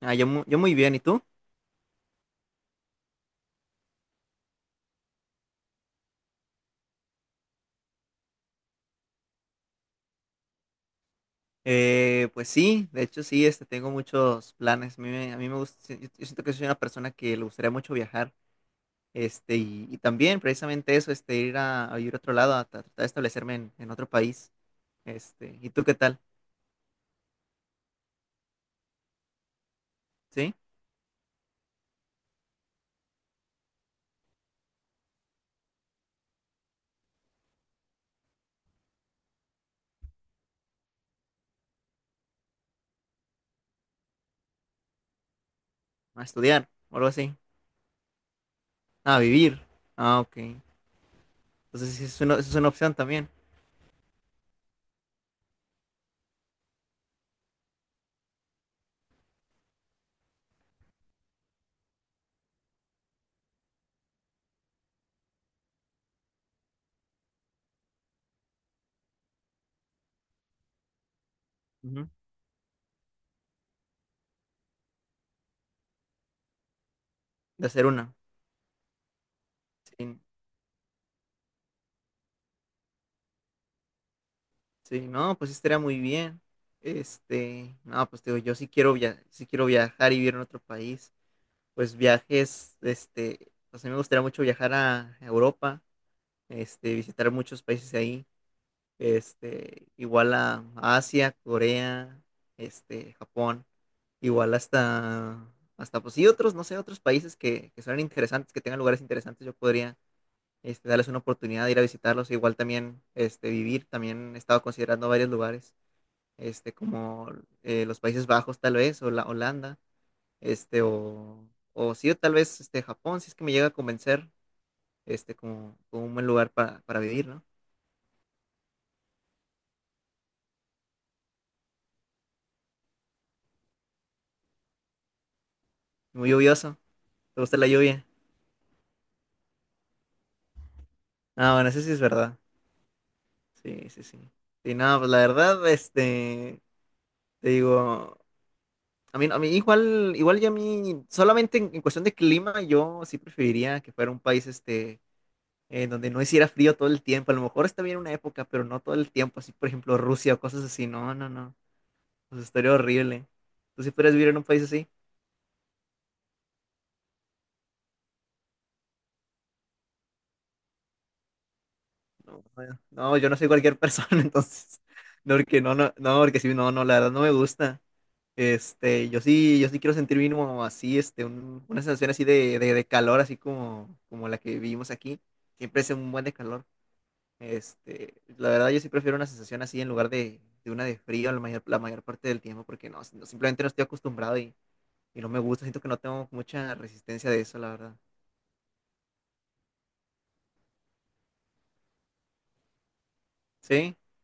Ah, yo, yo muy bien, ¿y tú? Pues sí, de hecho sí, tengo muchos planes. A mí me gusta, si, yo siento que soy una persona que le gustaría mucho viajar, y también precisamente eso, ir a vivir a otro lado, tratar de establecerme en otro país, ¿y tú qué tal? ¿Sí? ¿A estudiar o algo así? Ah, ¿a vivir? Ah, ok. Entonces sí, es una opción también, ujú, de hacer una. Sí, sí, no, pues sí estaría muy bien. No, pues te digo, yo sí quiero via- sí quiero viajar y vivir en otro país. Pues viajes, pues a mí me gustaría mucho viajar a Europa, visitar muchos países de ahí, igual a Asia, Corea, Japón, igual hasta, hasta pues sí, otros, no sé, otros países que suenan interesantes, que tengan lugares interesantes, yo podría, darles una oportunidad de ir a visitarlos, igual también, vivir, también he estado considerando varios lugares, este, como los Países Bajos tal vez, o la Holanda, o sí, o tal vez Japón, si es que me llega a convencer, como, como un buen lugar para vivir, ¿no? Muy lluvioso, ¿te gusta la lluvia? Ah, bueno, eso sí es verdad, sí, sí, sí. Y no, pues la verdad, te digo, a mí igual, igual ya a mí, solamente en cuestión de clima, yo sí preferiría que fuera un país, en donde no hiciera frío todo el tiempo, a lo mejor está bien una época, pero no todo el tiempo, así, por ejemplo, Rusia o cosas así, no, no, no, pues estaría horrible. ¿Tú sí podrías vivir en un país así? No, bueno, no, yo no soy cualquier persona, entonces. No, porque no, no, no, porque sí, no, no, la verdad no me gusta. Yo sí, yo sí quiero sentir mínimo así, una sensación así de calor, así como, como la que vivimos aquí. Siempre es un buen de calor. La verdad yo sí prefiero una sensación así en lugar de una de frío la mayor parte del tiempo, porque no, no, simplemente no estoy acostumbrado y no me gusta. Siento que no tengo mucha resistencia de eso, la verdad. ¿Sí?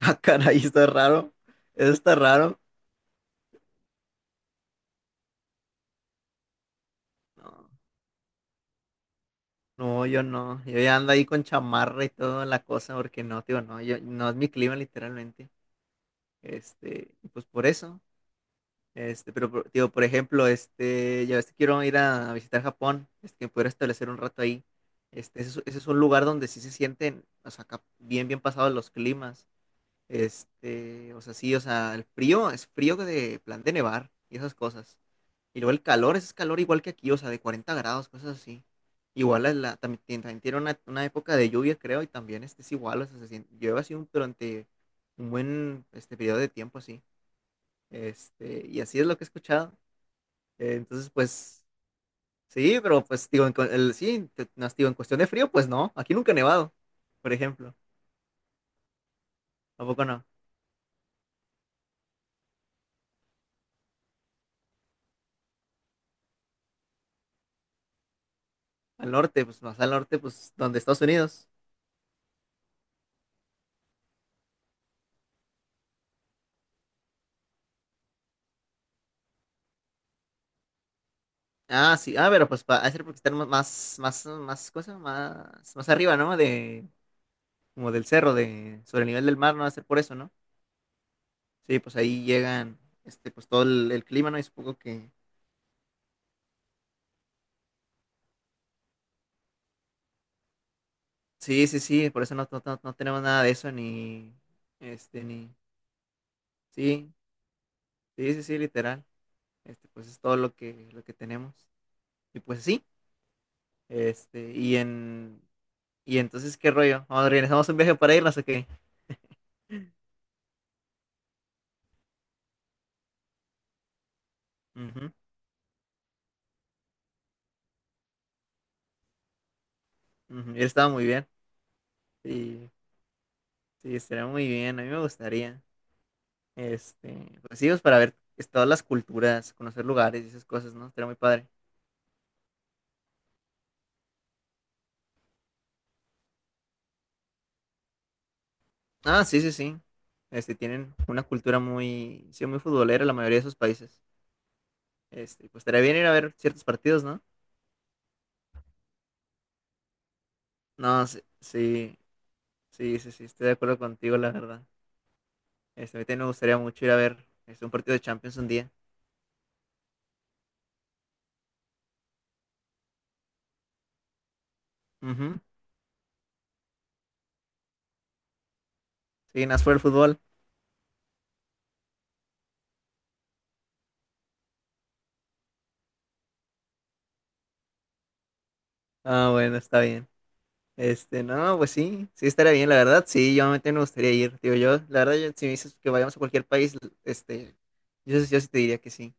Ah, caray, está raro. Eso está raro. No. No, yo no. Yo ya ando ahí con chamarra y toda la cosa, porque no, tío, no, yo, no es mi clima literalmente. Y pues por eso. Tío, por ejemplo, ya ves que quiero ir a visitar Japón, que pudiera establecer un rato ahí. Ese es, ese es un lugar donde sí se sienten, o sea, acá bien, bien pasados los climas. O sea, sí, o sea, el frío es frío de plan de nevar y esas cosas. Y luego el calor, ese es calor igual que aquí, o sea, de 40 grados, cosas así. Igual es la, también, también tiene una época de lluvia, creo, y también este es igual, o sea, llueve así durante un buen periodo de tiempo, así. Y así es lo que he escuchado. Entonces, pues, sí, pero pues, digo, sí, no, digo, en cuestión de frío, pues no, aquí nunca ha nevado, por ejemplo. Tampoco no. Al norte, pues más al norte, pues, donde Estados Unidos. Ah, sí, ah, pero pues, para hacer porque están más, más, más, más, cosa, más, más arriba, ¿no? De, como del cerro, de, sobre el nivel del mar, no va a ser por eso, ¿no? Sí, pues ahí llegan, pues todo el clima, ¿no? Y supongo que, sí, sí, sí, por eso no, no, no tenemos nada de eso, ni, ni, sí, sí, sí, sí, literal, pues es todo lo que tenemos. Y pues sí, y en, y entonces, ¿qué rollo? Vamos, ¿organizamos un viaje para irnos o qué? Ujú, ujú, y estaba muy bien, sí, sí, estaría muy bien, a mí me gustaría. Pues sí, pues para ver todas las culturas, conocer lugares y esas cosas, ¿no? Estaría muy padre. Ah, sí, sí, sí. Tienen una cultura muy, sí, muy futbolera la mayoría de sus países. Pues estaría bien ir a ver ciertos partidos, ¿no? No, sí, sí, sí, sí, sí, estoy de acuerdo contigo, la verdad. A mí también me gustaría mucho ir a ver un partido de Champions un día. Ujú. Sí, más por el fútbol. Ah, bueno, está bien. No, pues sí, sí estaría bien, la verdad, sí, yo también me gustaría ir, digo yo, la verdad, si me dices que vayamos a cualquier país, yo, yo sí te diría que sí,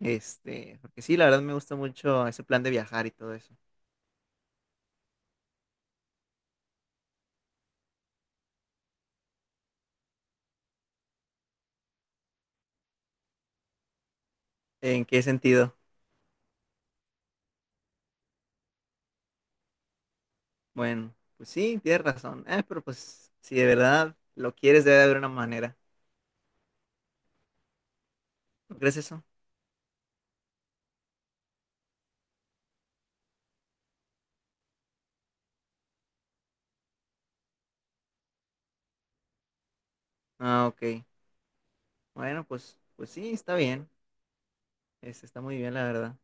porque sí, la verdad me gusta mucho ese plan de viajar y todo eso. ¿En qué sentido? Bueno, pues sí, tienes razón, pero pues si de verdad lo quieres debe de haber una manera, ¿no crees eso? Ah, ok, bueno, pues, pues sí, está bien, está muy bien, la verdad,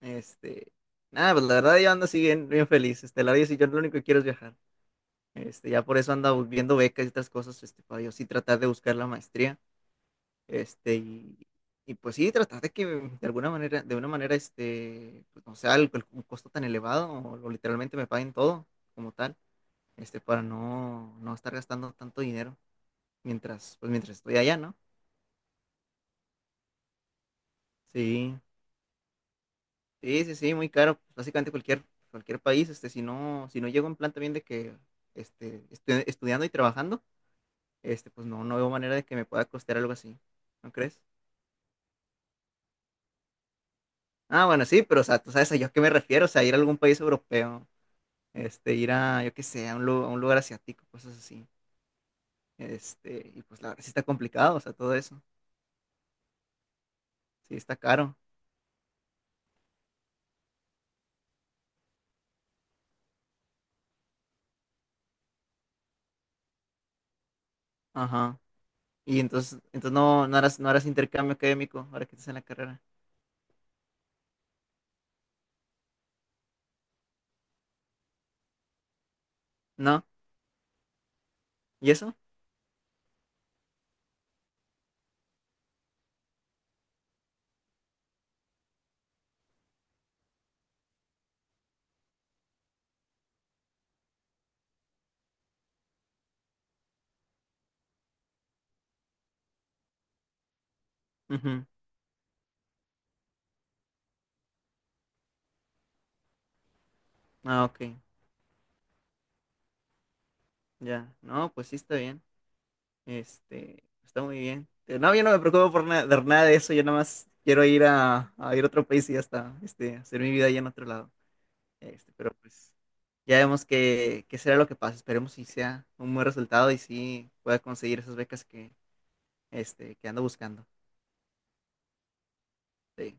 este, nada, pues la verdad yo ando así bien, bien feliz, la verdad, yo lo único que quiero es viajar. Ya por eso anda viendo becas y otras cosas, para yo sí tratar de buscar la maestría, este, y, y pues sí, tratar de que de alguna manera, de una manera, pues no sea un costo tan elevado, o literalmente me paguen todo como tal, para no, no estar gastando tanto dinero mientras, pues mientras estoy allá, ¿no? Sí, sí, sí, sí, muy caro, pues básicamente cualquier, cualquier país, si no, si no llego en plan también de que, estudiando y trabajando, pues no, no veo manera de que me pueda costear algo así, ¿no crees? Ah, bueno, sí, pero o sea, tú sabes a yo a qué me refiero, o sea, ir a algún país europeo, ir a, yo qué sé, a un, a un lugar asiático, cosas así. Y pues la verdad sí está complicado, o sea, todo eso. Sí, está caro. Ajá. Y entonces, entonces no, no harás, no harás intercambio académico ahora que estás en la carrera. ¿No? ¿Y eso? Ujú. Ah, ok. Ya. No, pues sí está bien. Está muy bien. No, yo no me preocupo por nada, de nada de eso, yo nada más quiero ir a ir a otro país y ya está. Hacer mi vida allá en otro lado. Pero pues ya vemos qué, qué será lo que pasa. Esperemos si sea un buen resultado y si pueda conseguir esas becas que, que ando buscando. Sí.